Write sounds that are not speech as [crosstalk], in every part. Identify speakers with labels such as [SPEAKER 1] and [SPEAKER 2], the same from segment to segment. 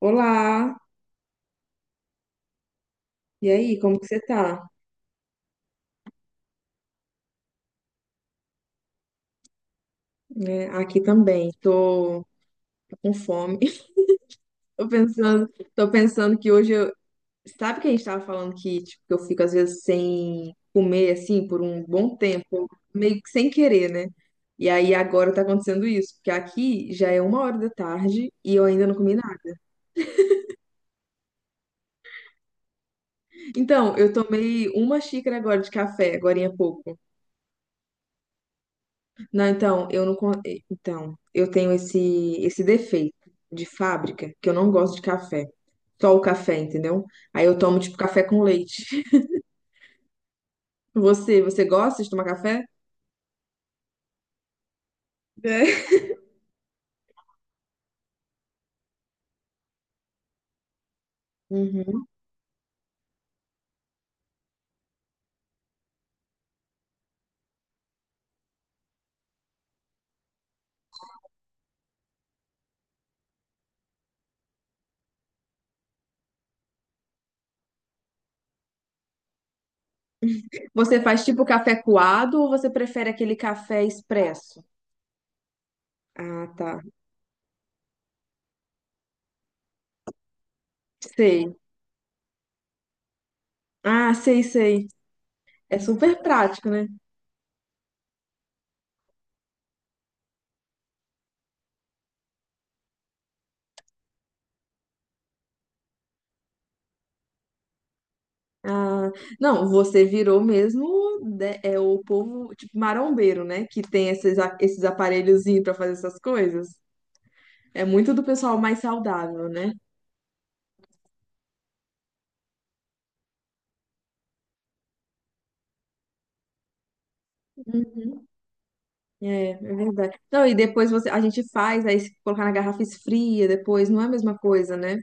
[SPEAKER 1] Olá, e aí, como que você tá? Né, aqui também, tô com fome. [laughs] Tô pensando, tô pensando que hoje eu, sabe que a gente tava falando que, tipo, que eu fico às vezes sem comer assim por um bom tempo, meio que sem querer, né? E aí agora tá acontecendo isso, porque aqui já é uma hora da tarde e eu ainda não comi nada. Então, eu tomei uma xícara agora de café, agorinha há pouco. Não, então, eu não, então, eu tenho esse defeito de fábrica, que eu não gosto de café. Só o café, entendeu? Aí eu tomo tipo café com leite. [laughs] Você gosta de tomar café? É. Uhum. Você faz tipo café coado ou você prefere aquele café expresso? Ah, tá. Sei. Ah, sei, sei. É super prático, né? Ah, não, você virou mesmo é o povo tipo marombeiro, né? Que tem esses aparelhozinhos pra fazer essas coisas. É muito do pessoal mais saudável, né? Hum. É verdade. Então e depois você, a gente faz, aí se colocar na garrafa esfria depois, não é a mesma coisa, né?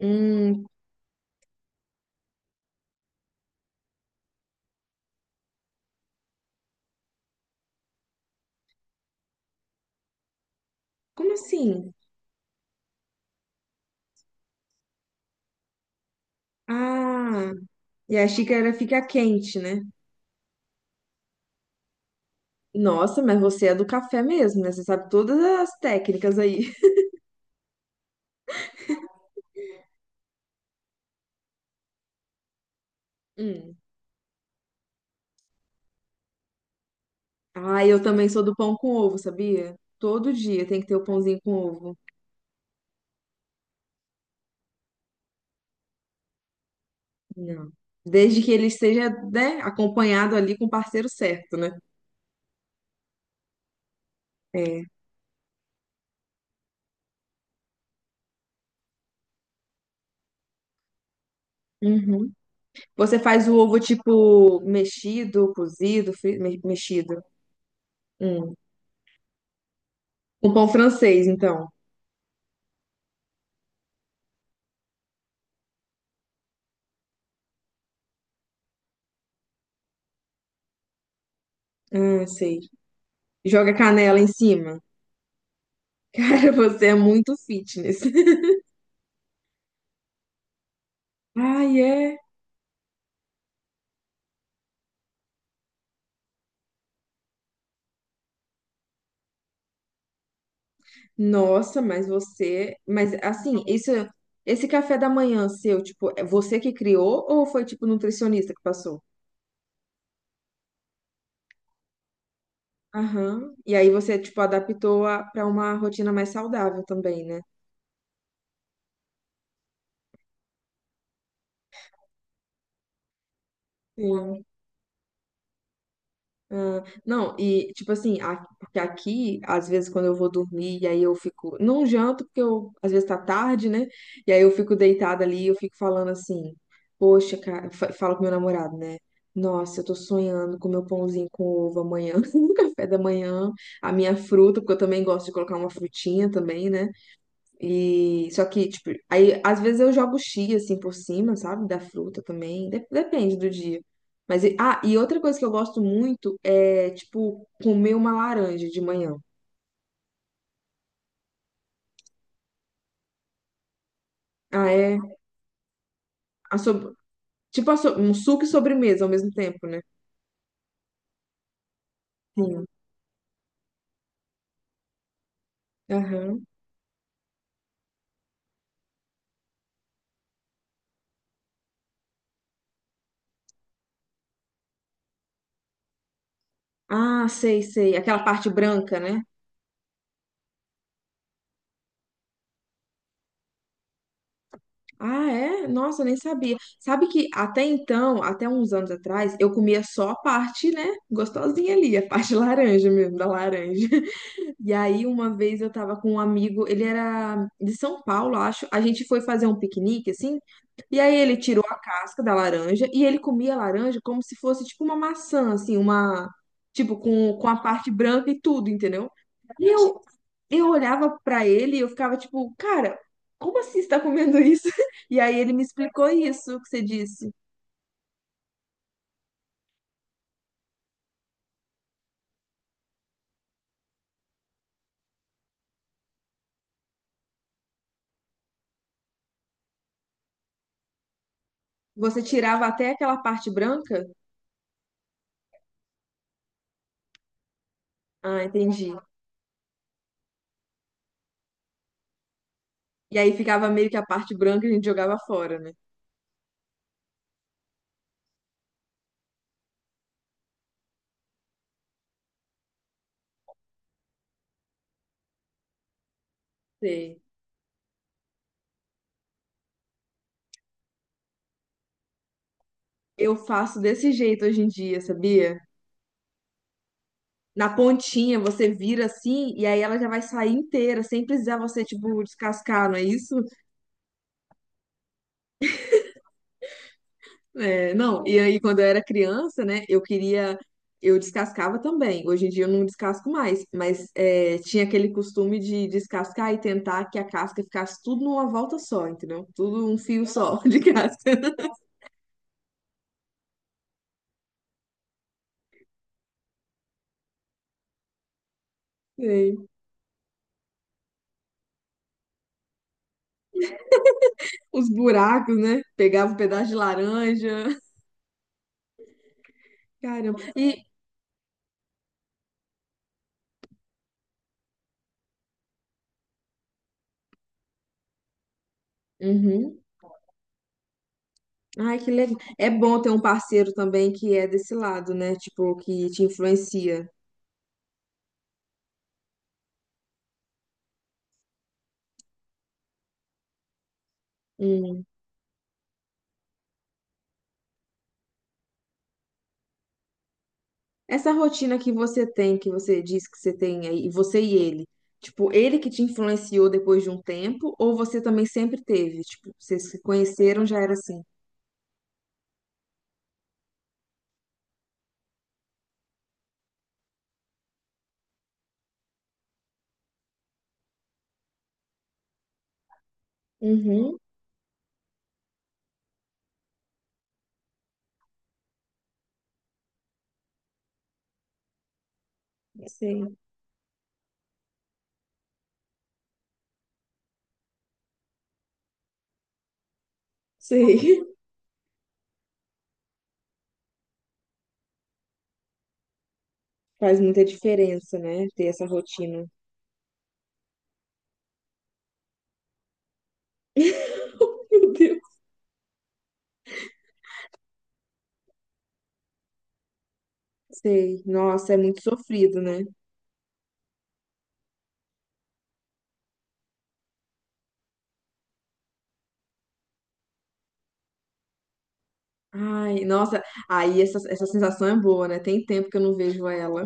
[SPEAKER 1] Hum, como assim? Ah, e a xícara fica quente, né? Nossa, mas você é do café mesmo, né? Você sabe todas as técnicas aí. [laughs] Hum. Ah, eu também sou do pão com ovo, sabia? Todo dia tem que ter o pãozinho com ovo. Não. Desde que ele esteja, né, acompanhado ali com o parceiro certo, né? É. Uhum. Você faz o ovo tipo mexido, cozido, mexido. Hum. Com pão francês, então. Ah, sei. Joga canela em cima. [laughs] Cara, você é muito fitness. [laughs] Ai, é. Nossa, mas você. Mas assim, isso, esse café da manhã seu, tipo, é você que criou ou foi tipo nutricionista que passou? Aham. E aí você, tipo, adaptou pra uma rotina mais saudável também, né? Sim. Ah, não, e tipo assim, porque aqui, às vezes, quando eu vou dormir, e aí eu fico, não janto, porque eu, às vezes tá tarde, né? E aí eu fico deitada ali, eu fico falando assim, poxa, cara, falo com meu namorado, né? Nossa, eu tô sonhando com meu pãozinho com ovo amanhã, [laughs] no café da manhã, a minha fruta, porque eu também gosto de colocar uma frutinha também, né? E só que, tipo, aí às vezes eu jogo chia assim por cima, sabe? Da fruta também. Depende do dia. Mas, ah, e outra coisa que eu gosto muito é, tipo, comer uma laranja de manhã. Ah, é. A sob- Tipo, um suco e sobremesa ao mesmo tempo, né? Sim. Aham. Ah, sei, sei. Aquela parte branca, né? Ah, é? Nossa, eu nem sabia. Sabe que até então, até uns anos atrás, eu comia só a parte, né? Gostosinha ali, a parte [laughs] laranja mesmo, da laranja. E aí, uma vez eu tava com um amigo, ele era de São Paulo, acho. A gente foi fazer um piquenique, assim. E aí, ele tirou a casca da laranja e ele comia a laranja como se fosse tipo uma maçã, assim, uma. Tipo, com a parte branca e tudo, entendeu? E eu olhava pra ele e eu ficava tipo, cara, como assim você tá comendo isso? [laughs] E aí, ele me explicou isso que você disse. Você tirava até aquela parte branca? Ah, entendi. E aí ficava meio que a parte branca e a gente jogava fora, né? Sei. Eu faço desse jeito hoje em dia, sabia? Na pontinha você vira assim e aí ela já vai sair inteira, sem precisar você, tipo, descascar, não é isso? É, não, e aí quando eu era criança, né, eu queria. Eu descascava também. Hoje em dia eu não descasco mais, mas é, tinha aquele costume de descascar e tentar que a casca ficasse tudo numa volta só, entendeu? Tudo um fio só de casca. [laughs] Sei. Os buracos, né? Pegava um pedaço de laranja. Caramba. E. Uhum. Ai, que legal. É bom ter um parceiro também que é desse lado, né? Tipo, que te influencia. Hum. Essa rotina que você tem, que você diz que você tem aí, você e ele. Tipo, ele que te influenciou depois de um tempo, ou você também sempre teve? Tipo, vocês se conheceram, já era assim. Uhum, sei, sei. [laughs] Faz muita diferença, né? Ter essa rotina. [laughs] Meu Deus. Sei. Nossa, é muito sofrido, né? Ai, nossa. Aí essa sensação é boa, né? Tem tempo que eu não vejo ela.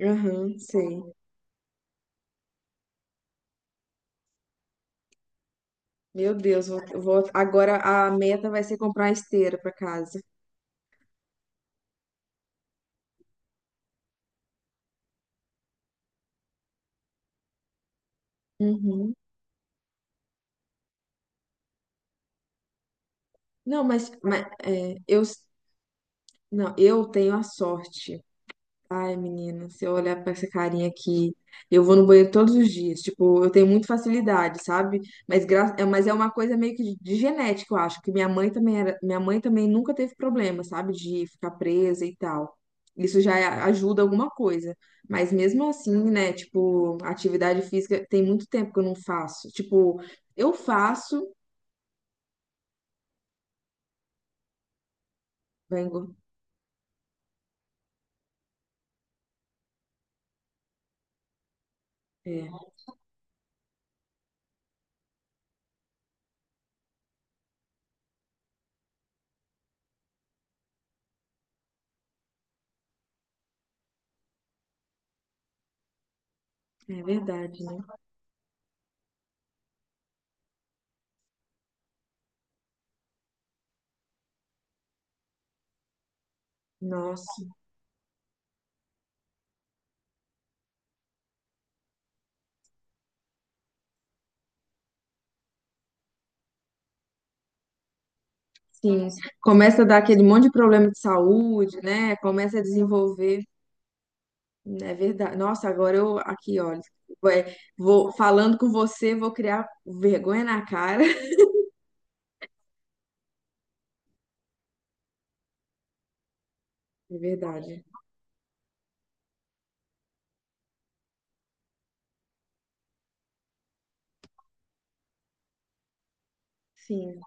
[SPEAKER 1] Aham, sei. Meu Deus, agora a meta vai ser comprar uma esteira para casa. Uhum. Não, mas é, eu, não, eu tenho a sorte. Ai, menina, se eu olhar pra essa carinha aqui, eu vou no banheiro todos os dias. Tipo, eu tenho muita facilidade, sabe? Mas, mas é uma coisa meio que de genética, eu acho, que minha mãe também nunca teve problema, sabe? De ficar presa e tal. Isso já ajuda alguma coisa. Mas mesmo assim, né? Tipo, atividade física tem muito tempo que eu não faço. Tipo, eu faço. Vai engor- É, é verdade, né? Nossa. Sim, começa a dar aquele monte de problema de saúde, né? Começa a desenvolver, é verdade. Nossa, agora eu aqui, olha, vou falando com você, vou criar vergonha na cara. [laughs] É verdade. Sim.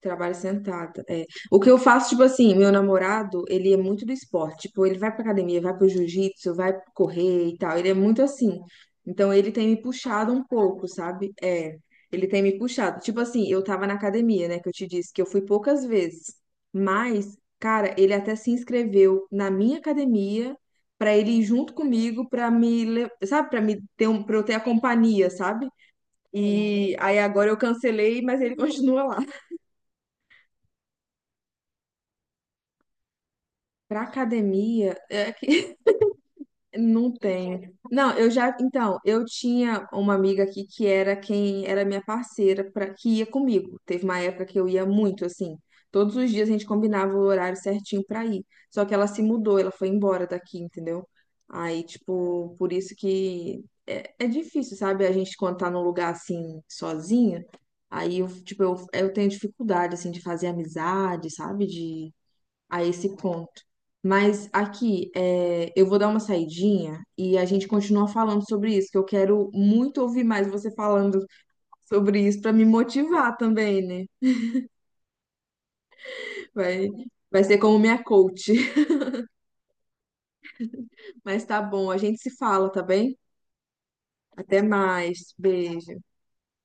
[SPEAKER 1] Trabalho sentada, é. O que eu faço, tipo assim, meu namorado, ele é muito do esporte. Tipo, ele vai pra academia, vai pro jiu-jitsu, vai correr e tal. Ele é muito assim. Então, ele tem me puxado um pouco, sabe? É, ele tem me puxado. Tipo assim, eu tava na academia, né, que eu te disse, que eu fui poucas vezes. Mas, cara, ele até se inscreveu na minha academia pra ele ir junto comigo, pra me, sabe, pra me ter um, pra eu ter a companhia, sabe? E aí agora eu cancelei, mas ele [laughs] continua lá. Pra academia, é que [laughs] não tem. Não, eu já, então, eu tinha uma amiga aqui que era quem era minha parceira para que ia comigo. Teve uma época que eu ia muito assim. Todos os dias a gente combinava o horário certinho pra ir. Só que ela se mudou, ela foi embora daqui, entendeu? Aí, tipo, por isso que é difícil, sabe? A gente quando tá num lugar assim sozinha, aí eu, tipo, eu tenho dificuldade assim de fazer amizade, sabe? De a esse ponto. Mas aqui, é, eu vou dar uma saidinha e a gente continua falando sobre isso, que eu quero muito ouvir mais você falando sobre isso para me motivar também, né? Vai, vai ser como minha coach. [laughs] Mas tá bom, a gente se fala, tá bem? Até mais. Beijo.